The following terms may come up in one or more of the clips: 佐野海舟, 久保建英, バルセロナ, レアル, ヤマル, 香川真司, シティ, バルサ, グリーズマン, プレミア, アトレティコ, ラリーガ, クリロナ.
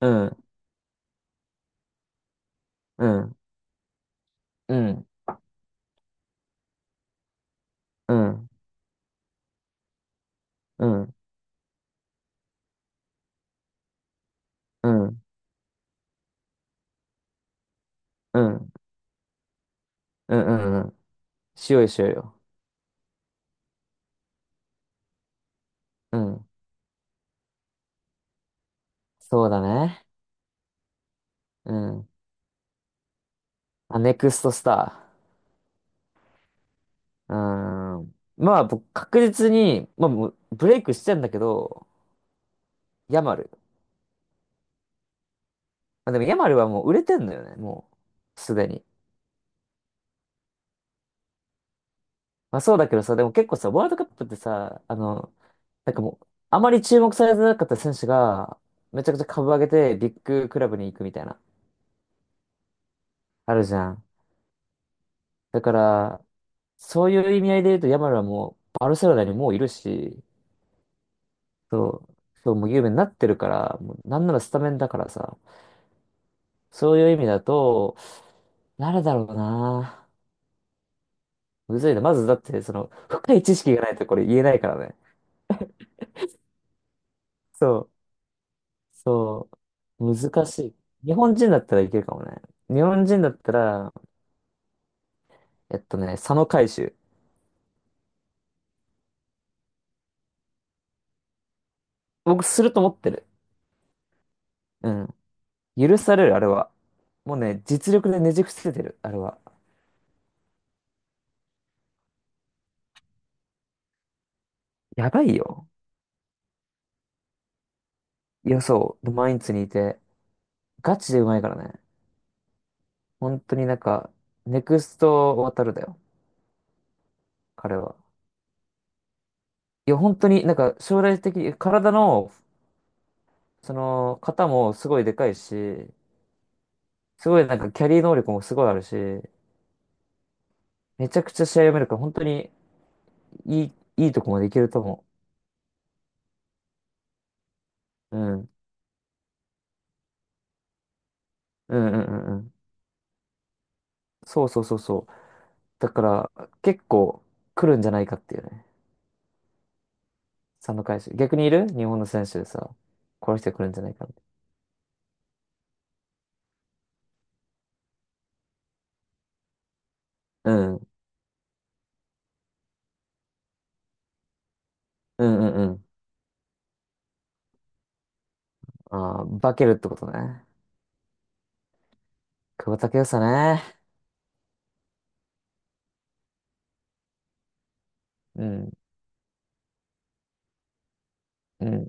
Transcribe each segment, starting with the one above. うん、うん、うん、うん、うん、うん、うん、うん、うん、うん。しようよ、しようよ。うん。そうだね。うん。あ、ネクストスター。うーん。まあ、僕、確実に、まあ、もうブレイクしてんだけど、ヤマル。まあ、でも、ヤマルはもう売れてんだよね、もう、すでに。まあ、そうだけどさ、でも結構さ、ワールドカップってさ、あの、なんかもう、あまり注目されてなかった選手が、めちゃくちゃ株上げて、ビッグクラブに行くみたいな、あるじゃん。だから、そういう意味合いで言うと、ヤマルはもう、バルセロナにもういるし、そう、そう、もう有名になってるから、もうなんならスタメンだからさ、そういう意味だと、誰だろうな。むずいな。まずだって、その、深い知識がないとこれ言えないからね。そう、そう、難しい。日本人だったらいけるかもね。日本人だったら、佐野海舟。僕、すると思ってる。うん。許される、あれは。もうね、実力でねじ伏せてる、あれは。やばいよ。いや、そう。で毎日にいて、ガチでうまいからね。本当になんか、ネクスト渡るだよ。彼は。いや、本当になんか、将来的に、体の、その、型もすごいでかいし、すごいなんか、キャリー能力もすごいあるし、めちゃくちゃ試合読めるから、本当に、いいとこまでいけると思う。うん。うんうんうんうん。そうそうそうそう。だから、結構、来るんじゃないかっていうね。佐野返し逆にいる日本の選手でさ、この人来るんじゃないかって。うん。うんうんうん。あー、化けるってことね。久保建英ね。うん、うん。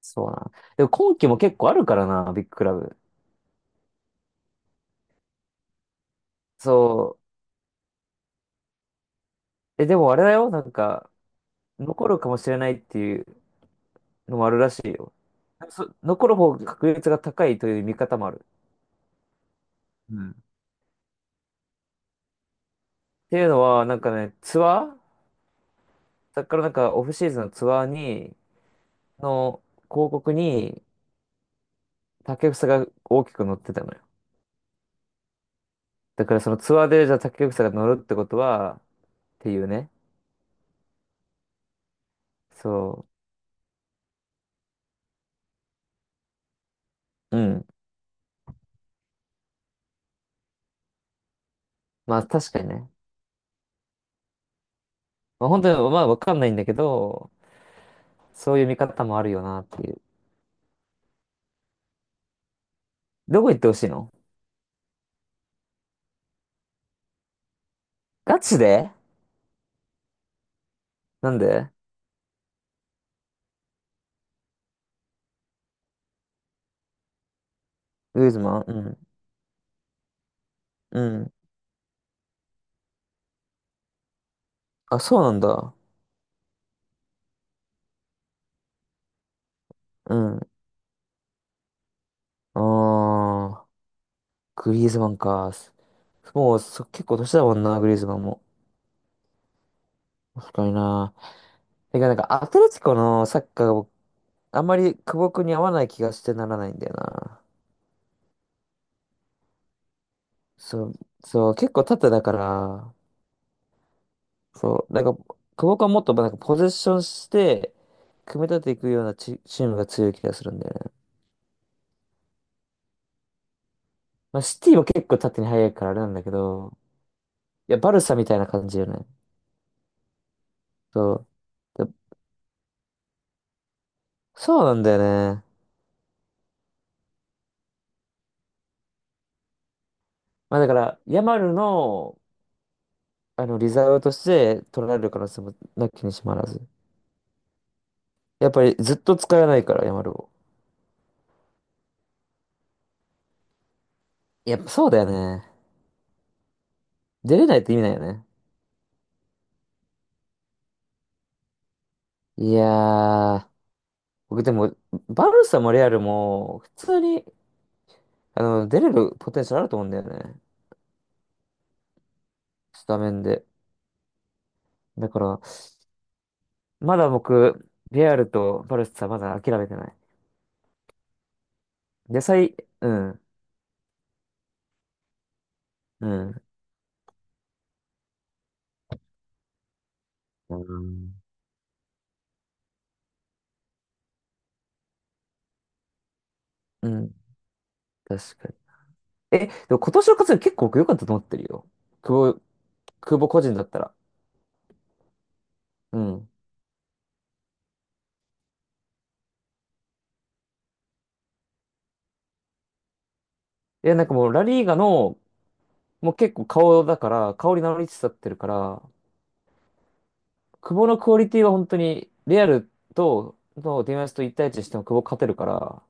そうな。でも今季も結構あるからな、ビッグクラブ。そう。え、でもあれだよ、なんか、残るかもしれないっていうのもあるらしいよ。そ、残る方が確率が高いという見方もある。うんっていうのは、なんかね、ツアーだからなんかオフシーズンのツアーに、の広告に竹房が大きく載ってたのよ。だからそのツアーでじゃあ竹房が乗るってことは、っていうね。そう。うん。まあ確かにね。まあ本当に、まあわかんないんだけど、そういう見方もあるよなっていう。どこ行ってほしいのガチでなんでグリーズマンうん。うん。あ、そうなんだ。うん。あー、グリーズマンか。もうそ結構年だもんな、グリーズマンも。確かにな。てかなんかアトレティコのサッカーが僕あんまり久保君に合わない気がしてならないんだよな。そう、そう、結構縦だから、そう、なんか、久保君はもっとなんかポゼッションして、組み立てていくようなチ、チームが強い気がするんだよね。まあ、シティは結構縦に速いからあれなんだけど、いや、バルサみたいな感じよね。そう。でそうなんだよね。まあ、だから、ヤマルの、あの、リザーブとして取られる可能性もなきにしもあらず。やっぱりずっと使えないから、ヤマルを。やっぱそうだよね。出れないって意味ないよね。いやー、僕でも、バルサもレアルも、普通に、あの、出れるポテンシャルあると思うんだよね。スタメンで。だから、まだ僕、リアルとバルスはまだ諦めてない。野菜、うん、うん、うん。うん、確かに。え、でも今年の活躍結構僕良かったと思ってるよ。久保、久保個人だったら。うん。いや、なんかもうラリーガの、もう結構顔だから、顔に名乗りつつあってるから、久保のクオリティは本当に、リアルと、のディマスと一対一しても久保勝てるから、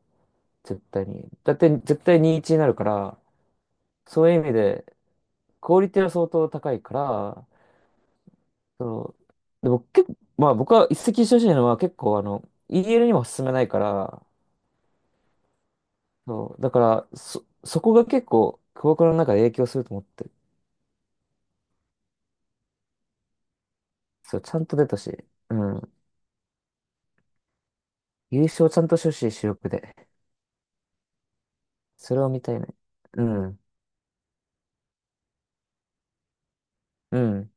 絶対に。だって絶対2-1になるから、そういう意味で、クオリティは相当高いから、そう、でも結構、まあ僕は一石一鳥じゃなのは結構あの、イーエ l にも進めないから、そう、だから、そ、そこが結構、クボクの中で影響すると思ってる。そう、ちゃんと出たし、うん。優勝ちゃんとしてほしい、主力で。それを見たいね。うん、うん、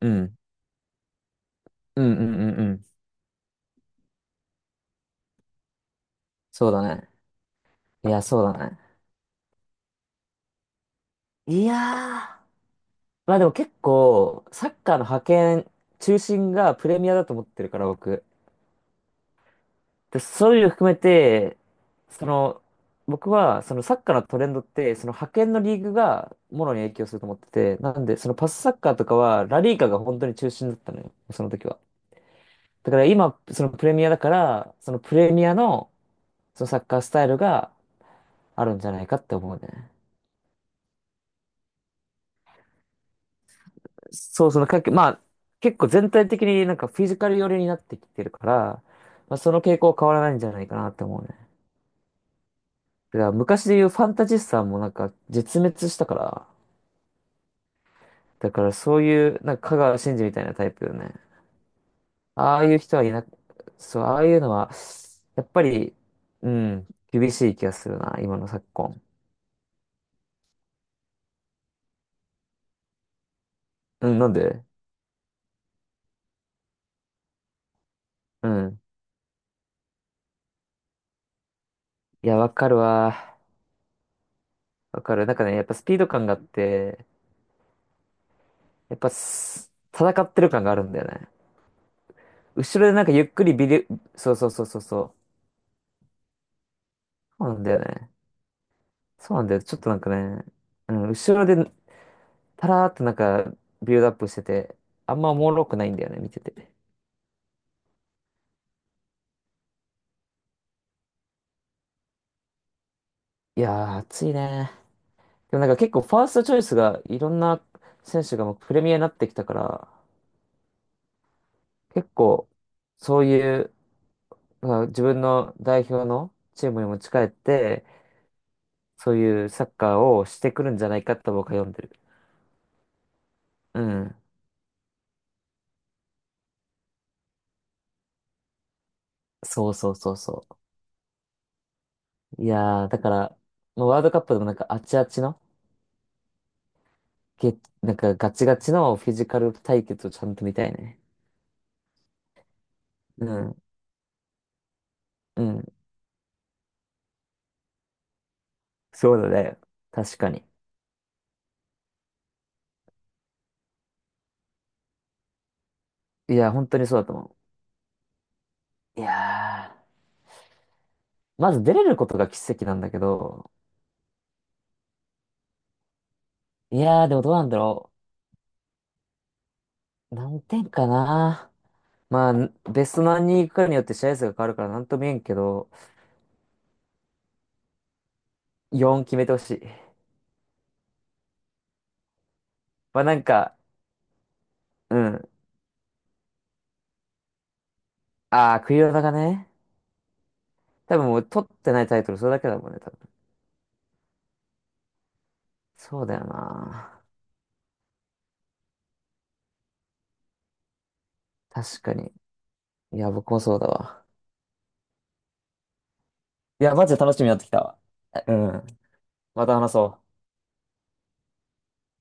うん、うん、うん、うん、うん。そうだね。いや、そうだね。いやー、まあでも結構、サッカーの覇権、中心がプレミアだと思ってるから、僕。で、そういうの含めて、その、僕は、そのサッカーのトレンドって、その派遣のリーグがもろに影響すると思ってて、なんで、そのパスサッカーとかは、ラリーカが本当に中心だったのよ、その時は。だから今、そのプレミアだから、そのプレミアの、そのサッカースタイルがあるんじゃないかって思うね。そうそのかけ、まあ、結構全体的になんかフィジカル寄りになってきてるから、まあ、その傾向は変わらないんじゃないかなって思うね。だから昔で言うファンタジスタもなんか絶滅したから、だからそういう、なんか香川真司みたいなタイプよね。ああいう人はいな、そう、ああいうのは、やっぱり、うん、厳しい気がするな、今の昨今。うん、なんでうん。いや、わかるわ。わかる。なんかね、やっぱスピード感があって、やっぱす、戦ってる感があるんだよね。後ろでなんかゆっくりビデ、そうそうそうそうそう。そうなんだよね。そうなんだよ。ちょっとなんかね、うん、後ろで、タラーっとなんか、ビルドアップしてて、あんまおもろくないんだよね、見てて。いやー、暑いね。でもなんか結構ファーストチョイスがいろんな選手がもうプレミアになってきたから、結構そういう、まあ、自分の代表のチームに持ち帰って、そういうサッカーをしてくるんじゃないかと僕は読んでる。うん。そうそうそうそう。いやー、だから、もうワールドカップでもなんかあちあちの、げ、なんかガチガチのフィジカル対決をちゃんと見たいね。うん。うん。そうだね。確かに。いや、本当にそうだと思う。いやー。まず出れることが奇跡なんだけど、いやーでもどうなんだろう。何点かな。まあ、ベスト何人行くかによって試合数が変わるからなんとも言えんけど、4決めてほしい。まあなんか、うん。ああ、クリロナがね、多分もう取ってないタイトルそれだけだもんね、多分。そうだよな。確かに。いや、僕もそうだわ。いや、マジで楽しみになってきたわ。うん。また話そう。